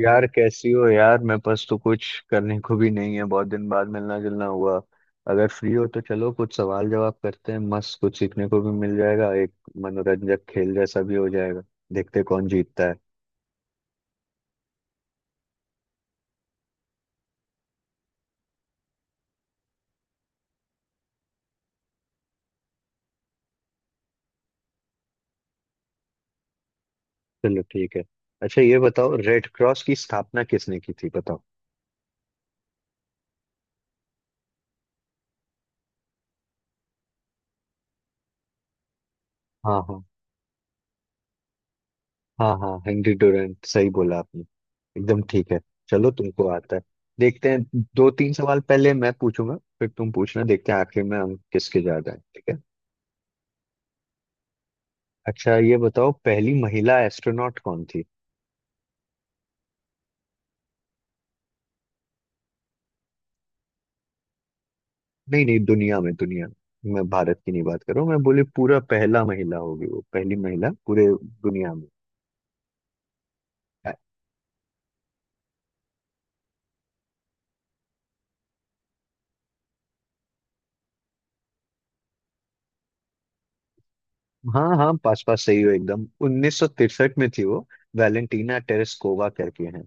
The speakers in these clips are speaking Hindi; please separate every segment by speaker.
Speaker 1: यार, कैसी हो यार? मेरे पास तो कुछ करने को भी नहीं है, बहुत दिन बाद मिलना जुलना हुआ। अगर फ्री हो तो चलो कुछ सवाल जवाब करते हैं, मस्त कुछ सीखने को भी मिल जाएगा। एक मनोरंजक खेल जैसा भी हो जाएगा। देखते हैं कौन जीतता है। चलो ठीक है। अच्छा ये बताओ, रेड क्रॉस की स्थापना किसने की थी, बताओ। हाँ, हाँ, हाँ, हाँ, हेनरी डोरेंट, सही बोला आपने। एकदम ठीक है। चलो तुमको आता है। देखते हैं, दो तीन सवाल पहले मैं पूछूंगा फिर तुम पूछना, देखते हैं आखिर में हम किसके ज्यादा है। ठीक है। अच्छा ये बताओ, पहली महिला एस्ट्रोनॉट कौन थी? नहीं नहीं, दुनिया में, दुनिया में, मैं भारत की नहीं बात कर रहा हूँ। मैं बोले पूरा पहला महिला होगी वो, पहली महिला पूरे दुनिया में। अ- हाँ हाँ, पास पास सही हो, एकदम 1963 में थी वो। वैलेंटीना टेरेस्कोवा करके हैं।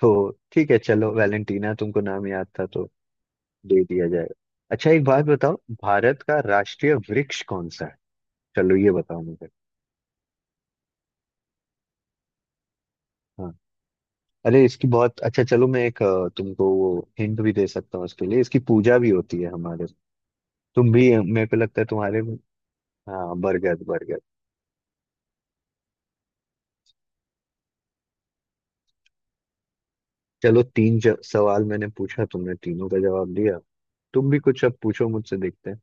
Speaker 1: तो ठीक है चलो, वैलेंटीना तुमको नाम याद था तो दे दिया जाएगा। अच्छा एक बात बताओ, भारत का राष्ट्रीय वृक्ष कौन सा है? चलो ये बताओ मुझे। हाँ। अरे इसकी बहुत अच्छा, चलो मैं एक तुमको वो हिंट भी दे सकता हूँ इसके लिए। इसकी पूजा भी होती है हमारे। तुम भी, मेरे को लगता है तुम्हारे। हाँ, बरगद, बरगद। चलो तीन सवाल मैंने पूछा, तुमने तीनों का जवाब दिया। तुम भी कुछ अब पूछो मुझसे, देखते हैं।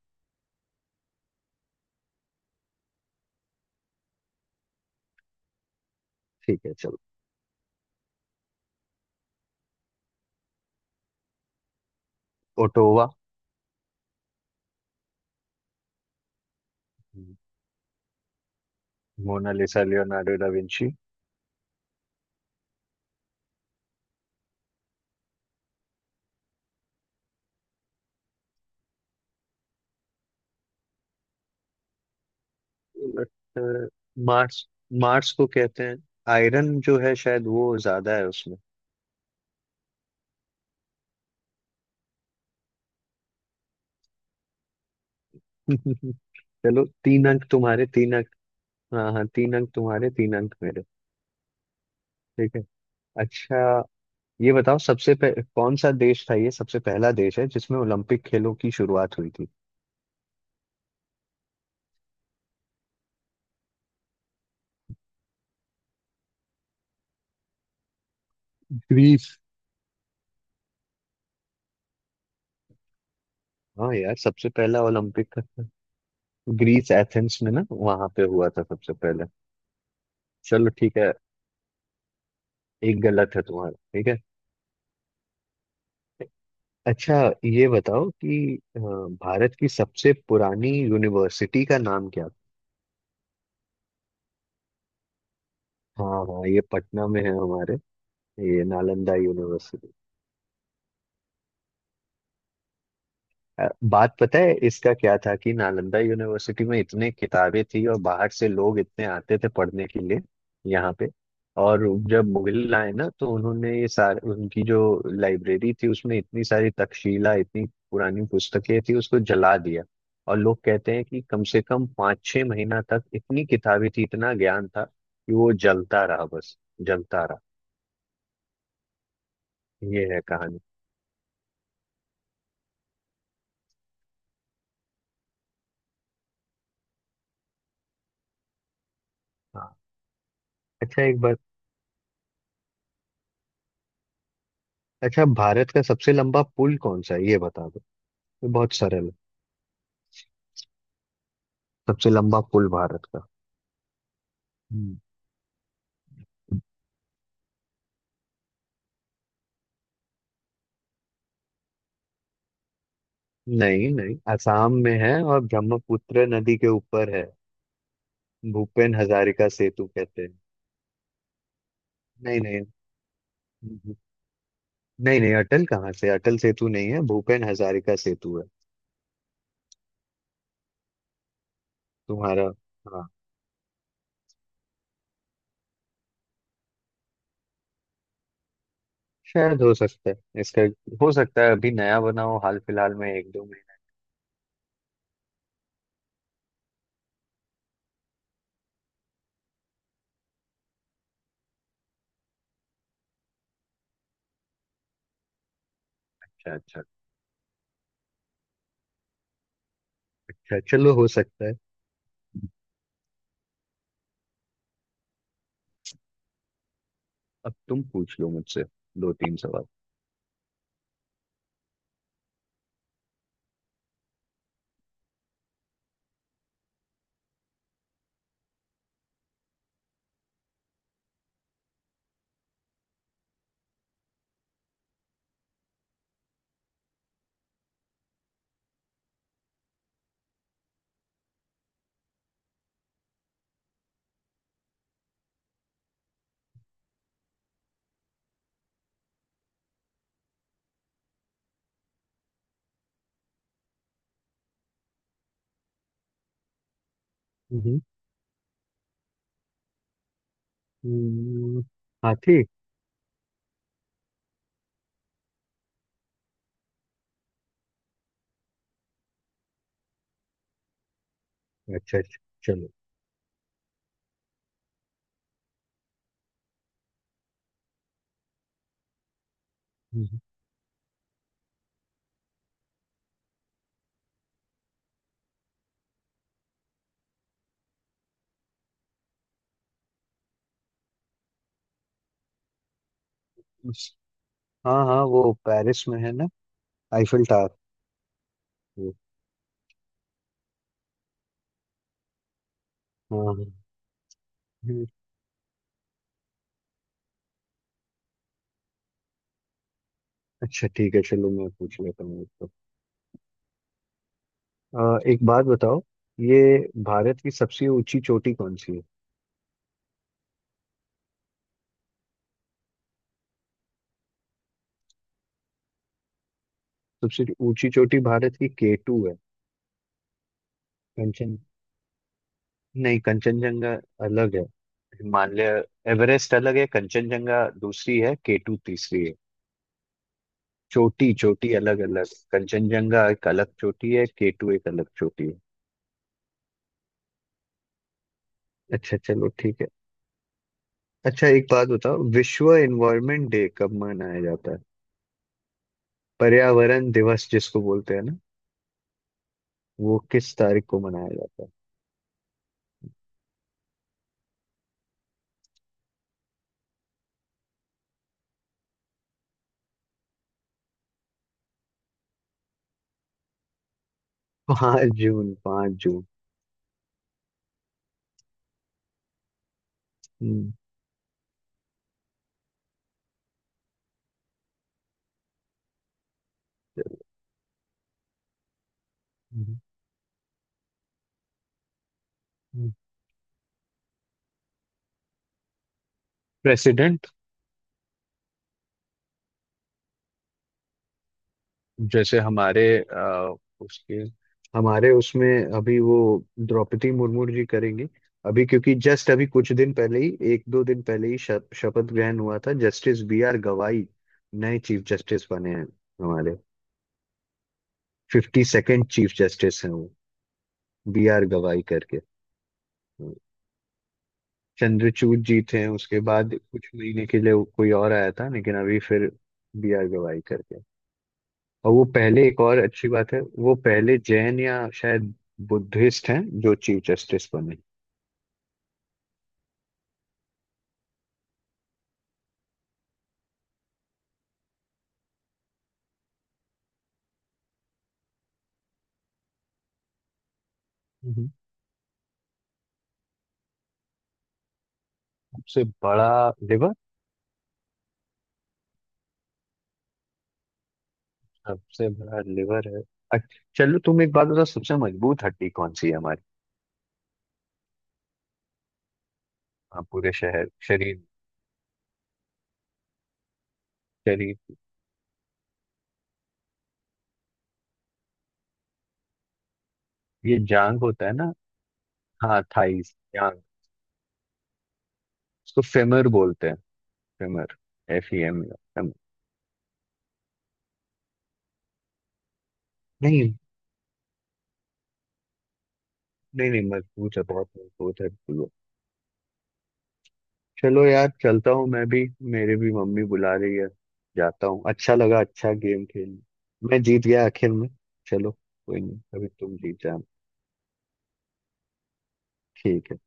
Speaker 1: ठीक है चलो। Ottawa. Mona Lisa Leonardo da Vinci. लगता है मार्स, मार्स को कहते हैं। आयरन जो है शायद वो ज्यादा है उसमें। चलो तीन अंक तुम्हारे, तीन अंक। हाँ हाँ, तीन अंक तुम्हारे, तीन अंक मेरे। ठीक है। अच्छा ये बताओ, सबसे कौन सा देश था, ये सबसे पहला देश है जिसमें ओलंपिक खेलों की शुरुआत हुई थी? ग्रीस। हाँ यार, सबसे पहला ओलंपिक ग्रीस, एथेंस में ना, वहां पे हुआ था सबसे पहले। चलो ठीक है। एक गलत है तुम्हारा, ठीक है। अच्छा ये बताओ कि भारत की सबसे पुरानी यूनिवर्सिटी का नाम क्या था? हाँ हाँ, ये पटना में है हमारे, ये नालंदा यूनिवर्सिटी। बात पता है इसका क्या था, कि नालंदा यूनिवर्सिटी में इतने किताबें थी और बाहर से लोग इतने आते थे पढ़ने के लिए यहाँ पे। और जब मुगल आए ना, तो उन्होंने ये सारे, उनकी जो लाइब्रेरी थी उसमें इतनी सारी, तक्षशिला, इतनी पुरानी पुस्तकें थी, उसको जला दिया। और लोग कहते हैं कि कम से कम पाँच छः महीना तक इतनी किताबें थी, इतना ज्ञान था कि वो जलता रहा, बस जलता रहा। ये है कहानी। हाँ। अच्छा एक बात। अच्छा, भारत का सबसे लंबा पुल कौन सा है, ये बता। बहुत सरल है, सबसे लंबा पुल भारत का। हम्म, नहीं नहीं, असम में है और ब्रह्मपुत्र नदी के ऊपर है, भूपेन हजारिका सेतु कहते हैं। नहीं नहीं। नहीं नहीं, अटल कहाँ से, अटल सेतु नहीं है, भूपेन हजारिका सेतु है। तुम्हारा। हाँ। शायद हो सकता है इसका, हो सकता है अभी नया बना हो हाल फिलहाल में, एक दो महीना। अच्छा अच्छा। अच्छा चलो, हो सकता है। अब तुम पूछ लो मुझसे, दो तीन सवाल। हम्म, हम्म, हाथी। अच्छा अच्छा, चलो। हम्म। हाँ हाँ, वो पेरिस में है ना, आईफिल टावर, वो। हाँ हाँ। हम्म, अच्छा ठीक है चलो, मैं पूछ लेता हूँ आपको। एक बात बताओ, ये भारत की सबसे ऊंची चोटी कौन सी है? सबसे ऊंची चोटी भारत की केटू है। कंचन, नहीं, कंचनजंगा अलग है। हिमालय, एवरेस्ट अलग है, कंचनजंगा दूसरी है, केटू तीसरी है। चोटी चोटी अलग अलग। कंचनजंगा एक अलग चोटी है, केटू एक अलग चोटी है। अच्छा चलो ठीक है। अच्छा एक बात बताओ, विश्व एनवायरनमेंट डे कब मनाया जाता है? पर्यावरण दिवस जिसको बोलते हैं ना, वो किस तारीख को मनाया जाता है? पाँच जून, पाँच जून। हम्म, हम्म, हम्म। प्रेसिडेंट। जैसे हमारे उसके, हमारे उसमें अभी वो द्रौपदी मुर्मू जी करेंगी। अभी क्योंकि जस्ट अभी कुछ दिन पहले ही, एक दो दिन पहले ही शपथ ग्रहण हुआ था, जस्टिस बी आर गवाई नए चीफ जस्टिस बने हैं हमारे। फिफ्टी सेकेंड चीफ जस्टिस हैं वो, बी आर गवाई करके। हम्म। चंद्रचूड़ जी थे, उसके बाद कुछ महीने के लिए कोई और आया था, लेकिन अभी फिर बी आर गवाई करके। और वो पहले, एक और अच्छी बात है, वो पहले जैन या शायद बुद्धिस्ट हैं जो चीफ जस्टिस बने। हम्म। सबसे बड़ा लिवर। सबसे बड़ा लिवर है। अच्छा चलो, तुम एक बात बताओ, सबसे मजबूत हड्डी कौन सी है हमारी? हाँ, पूरे शहर, शरीर। शरीर। ये जांग होता है ना। हाँ, थाइस, जांग। उसको फेमर बोलते हैं। Femur, F E M. नहीं नहीं, मजबूत है, बहुत मजबूत है, बिल्कुल वो। चलो यार, चलता हूँ मैं भी, मेरे भी मम्मी बुला रही है। जाता हूँ, अच्छा लगा, अच्छा गेम खेल। मैं जीत गया आखिर में। चलो, कोई नहीं, अभी तुम जीत जाना। ठीक है।